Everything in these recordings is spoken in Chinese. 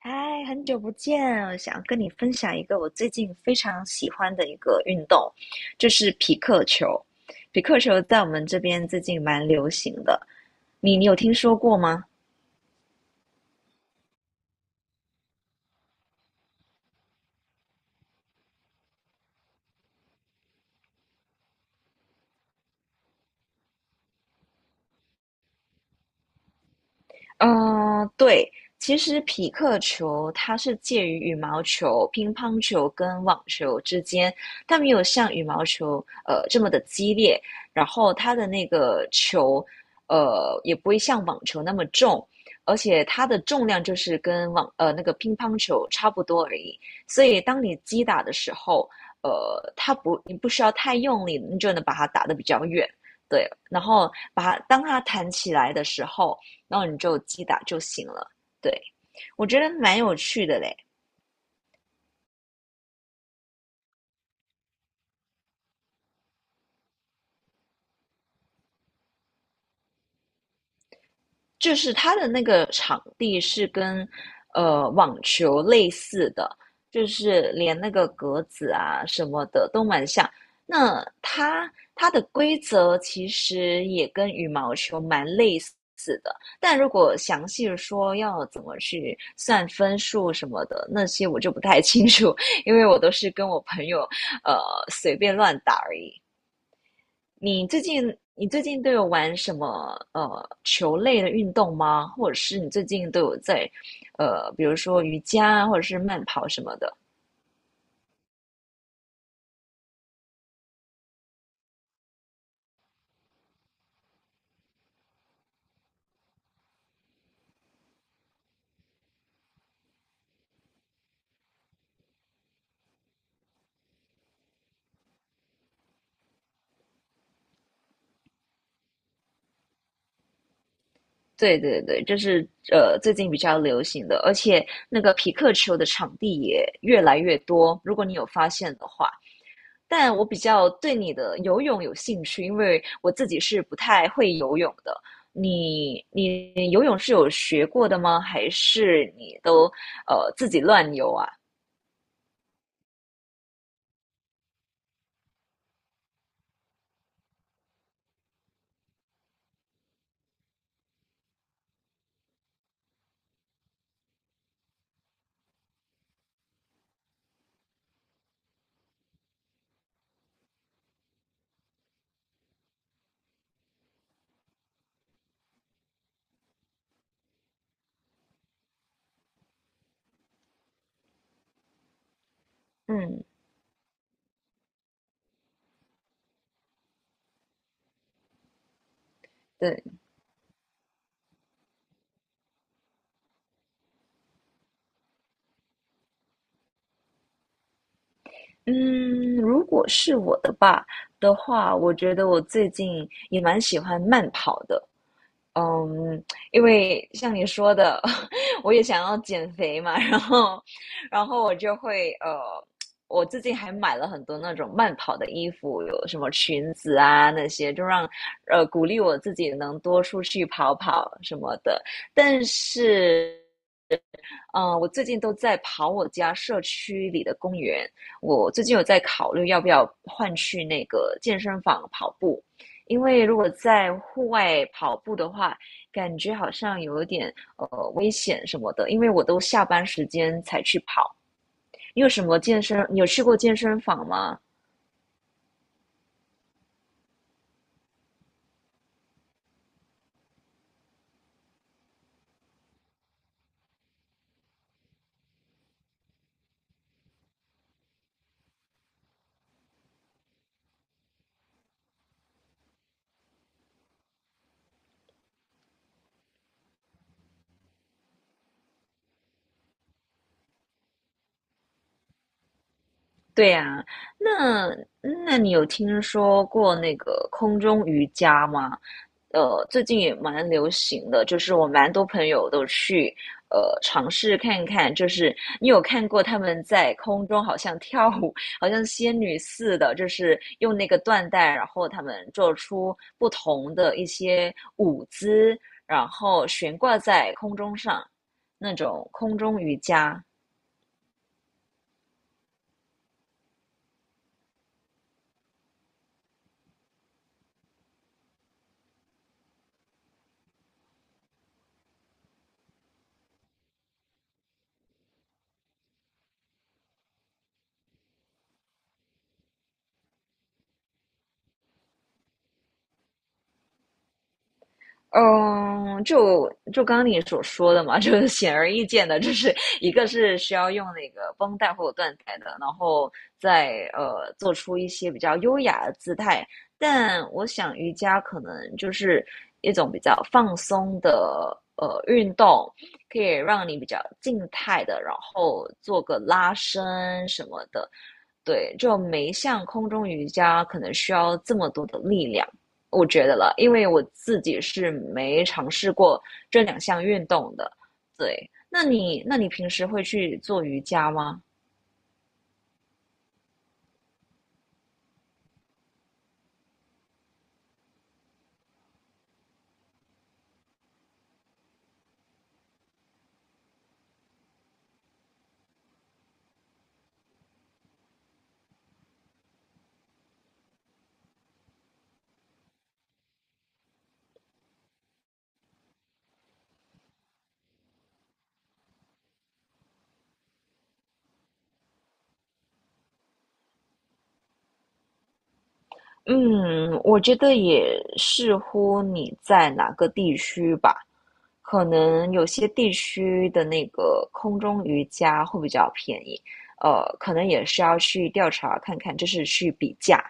嗨，很久不见，我想跟你分享一个我最近非常喜欢的一个运动，就是匹克球。匹克球在我们这边最近蛮流行的，你有听说过吗？嗯，对，其实匹克球它是介于羽毛球、乒乓球跟网球之间，它没有像羽毛球这么的激烈，然后它的那个球也不会像网球那么重，而且它的重量就是跟那个乒乓球差不多而已，所以当你击打的时候，呃，它不你不需要太用力，你就能把它打得比较远。对，然后把它当它弹起来的时候。然后你就击打就行了。对，我觉得蛮有趣的嘞，就是它的那个场地是跟网球类似的，就是连那个格子啊什么的都蛮像。那它的规则其实也跟羽毛球蛮类似的，但如果详细地说要怎么去算分数什么的，那些我就不太清楚，因为我都是跟我朋友呃随便乱打而已。你最近都有玩什么球类的运动吗？或者是你最近都有在比如说瑜伽啊或者是慢跑什么的？对对对，这是最近比较流行的，而且那个皮克球的场地也越来越多，如果你有发现的话。但我比较对你的游泳有兴趣，因为我自己是不太会游泳的。你游泳是有学过的吗？还是你都自己乱游啊？嗯对，嗯，如果是我的吧的话，我觉得我最近也蛮喜欢慢跑的。嗯，因为像你说的，我也想要减肥嘛，然后，然后我就会我最近还买了很多那种慢跑的衣服，有什么裙子啊那些，就让鼓励我自己能多出去跑跑什么的。但是嗯，我最近都在跑我家社区里的公园。我最近有在考虑要不要换去那个健身房跑步，因为如果在户外跑步的话，感觉好像有一点危险什么的。因为我都下班时间才去跑。你有什么健身？你有去过健身房吗？对呀，那那你有听说过那个空中瑜伽吗？最近也蛮流行的，就是我蛮多朋友都去尝试看看，就是你有看过他们在空中好像跳舞，好像仙女似的，就是用那个缎带，然后他们做出不同的一些舞姿，然后悬挂在空中上，那种空中瑜伽。嗯，就刚刚你所说的嘛，就是显而易见的，就是一个是需要用那个绷带或者缎带的，然后再做出一些比较优雅的姿态。但我想瑜伽可能就是一种比较放松的运动，可以让你比较静态的，然后做个拉伸什么的。对，就没像空中瑜伽可能需要这么多的力量。我觉得了，因为我自己是没尝试过这两项运动的。对，那你平时会去做瑜伽吗？嗯，我觉得也视乎你在哪个地区吧，可能有些地区的那个空中瑜伽会比较便宜，可能也是要去调查看看，就是去比价，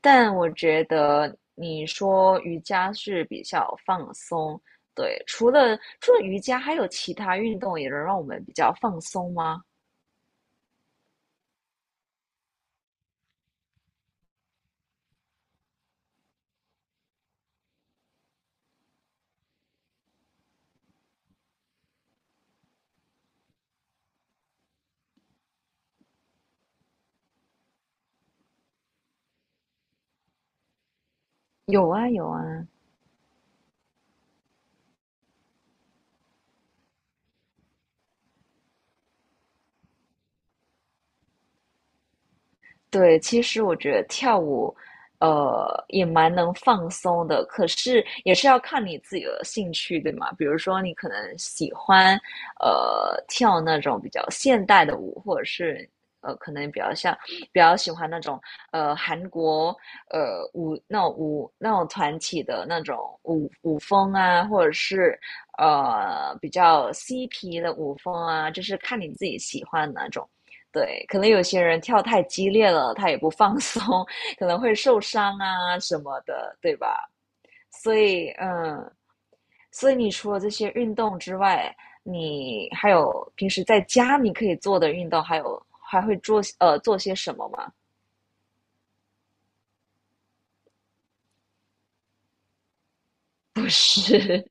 但我觉得你说瑜伽是比较放松，对，除了瑜伽，还有其他运动也能让我们比较放松吗？有啊，有啊。对，其实我觉得跳舞，也蛮能放松的，可是也是要看你自己的兴趣，对吗？比如说你可能喜欢，跳那种比较现代的舞，或者是可能比较像比较喜欢那种韩国呃舞那种舞那种团体的那种舞风啊，或者是比较嬉皮的舞风啊，就是看你自己喜欢哪种。对，可能有些人跳太激烈了，他也不放 松，可能会受伤啊什么的，对吧？所以，嗯，所以你除了这些运动之外，你还有平时在家你可以做的运动，还有还会做些什么吗？不是，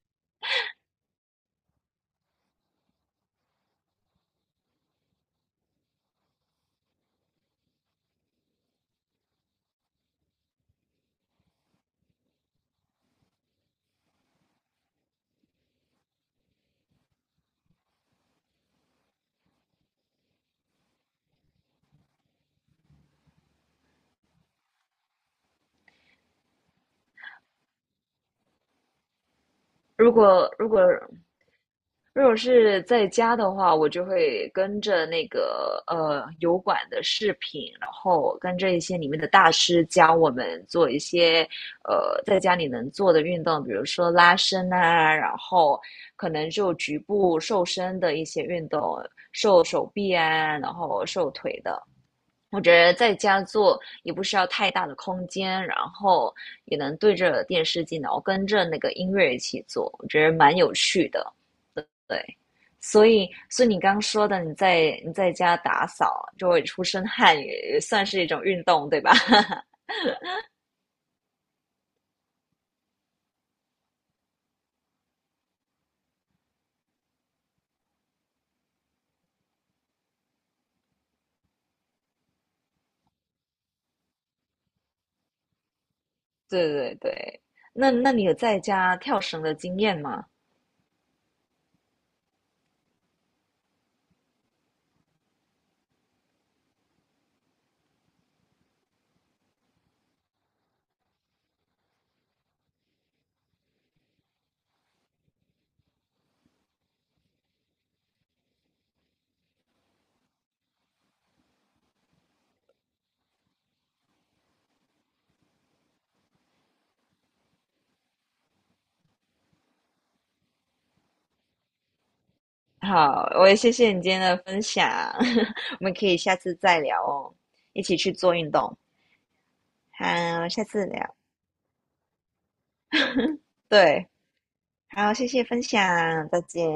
如果如果如果是在家的话，我就会跟着那个油管的视频，然后跟着一些里面的大师教我们做一些在家里能做的运动，比如说拉伸啊，然后可能就局部瘦身的一些运动，瘦手臂啊，然后瘦腿的。我觉得在家做也不需要太大的空间，然后也能对着电视机，然后跟着那个音乐一起做，我觉得蛮有趣的。对，所以，所以你刚说的，你在家打扫就会出身汗，也算是一种运动，对吧？对对对，那你有在家跳绳的经验吗？好，我也谢谢你今天的分享，我们可以下次再聊哦，一起去做运动。好，下次聊。对，好，谢谢分享，再见。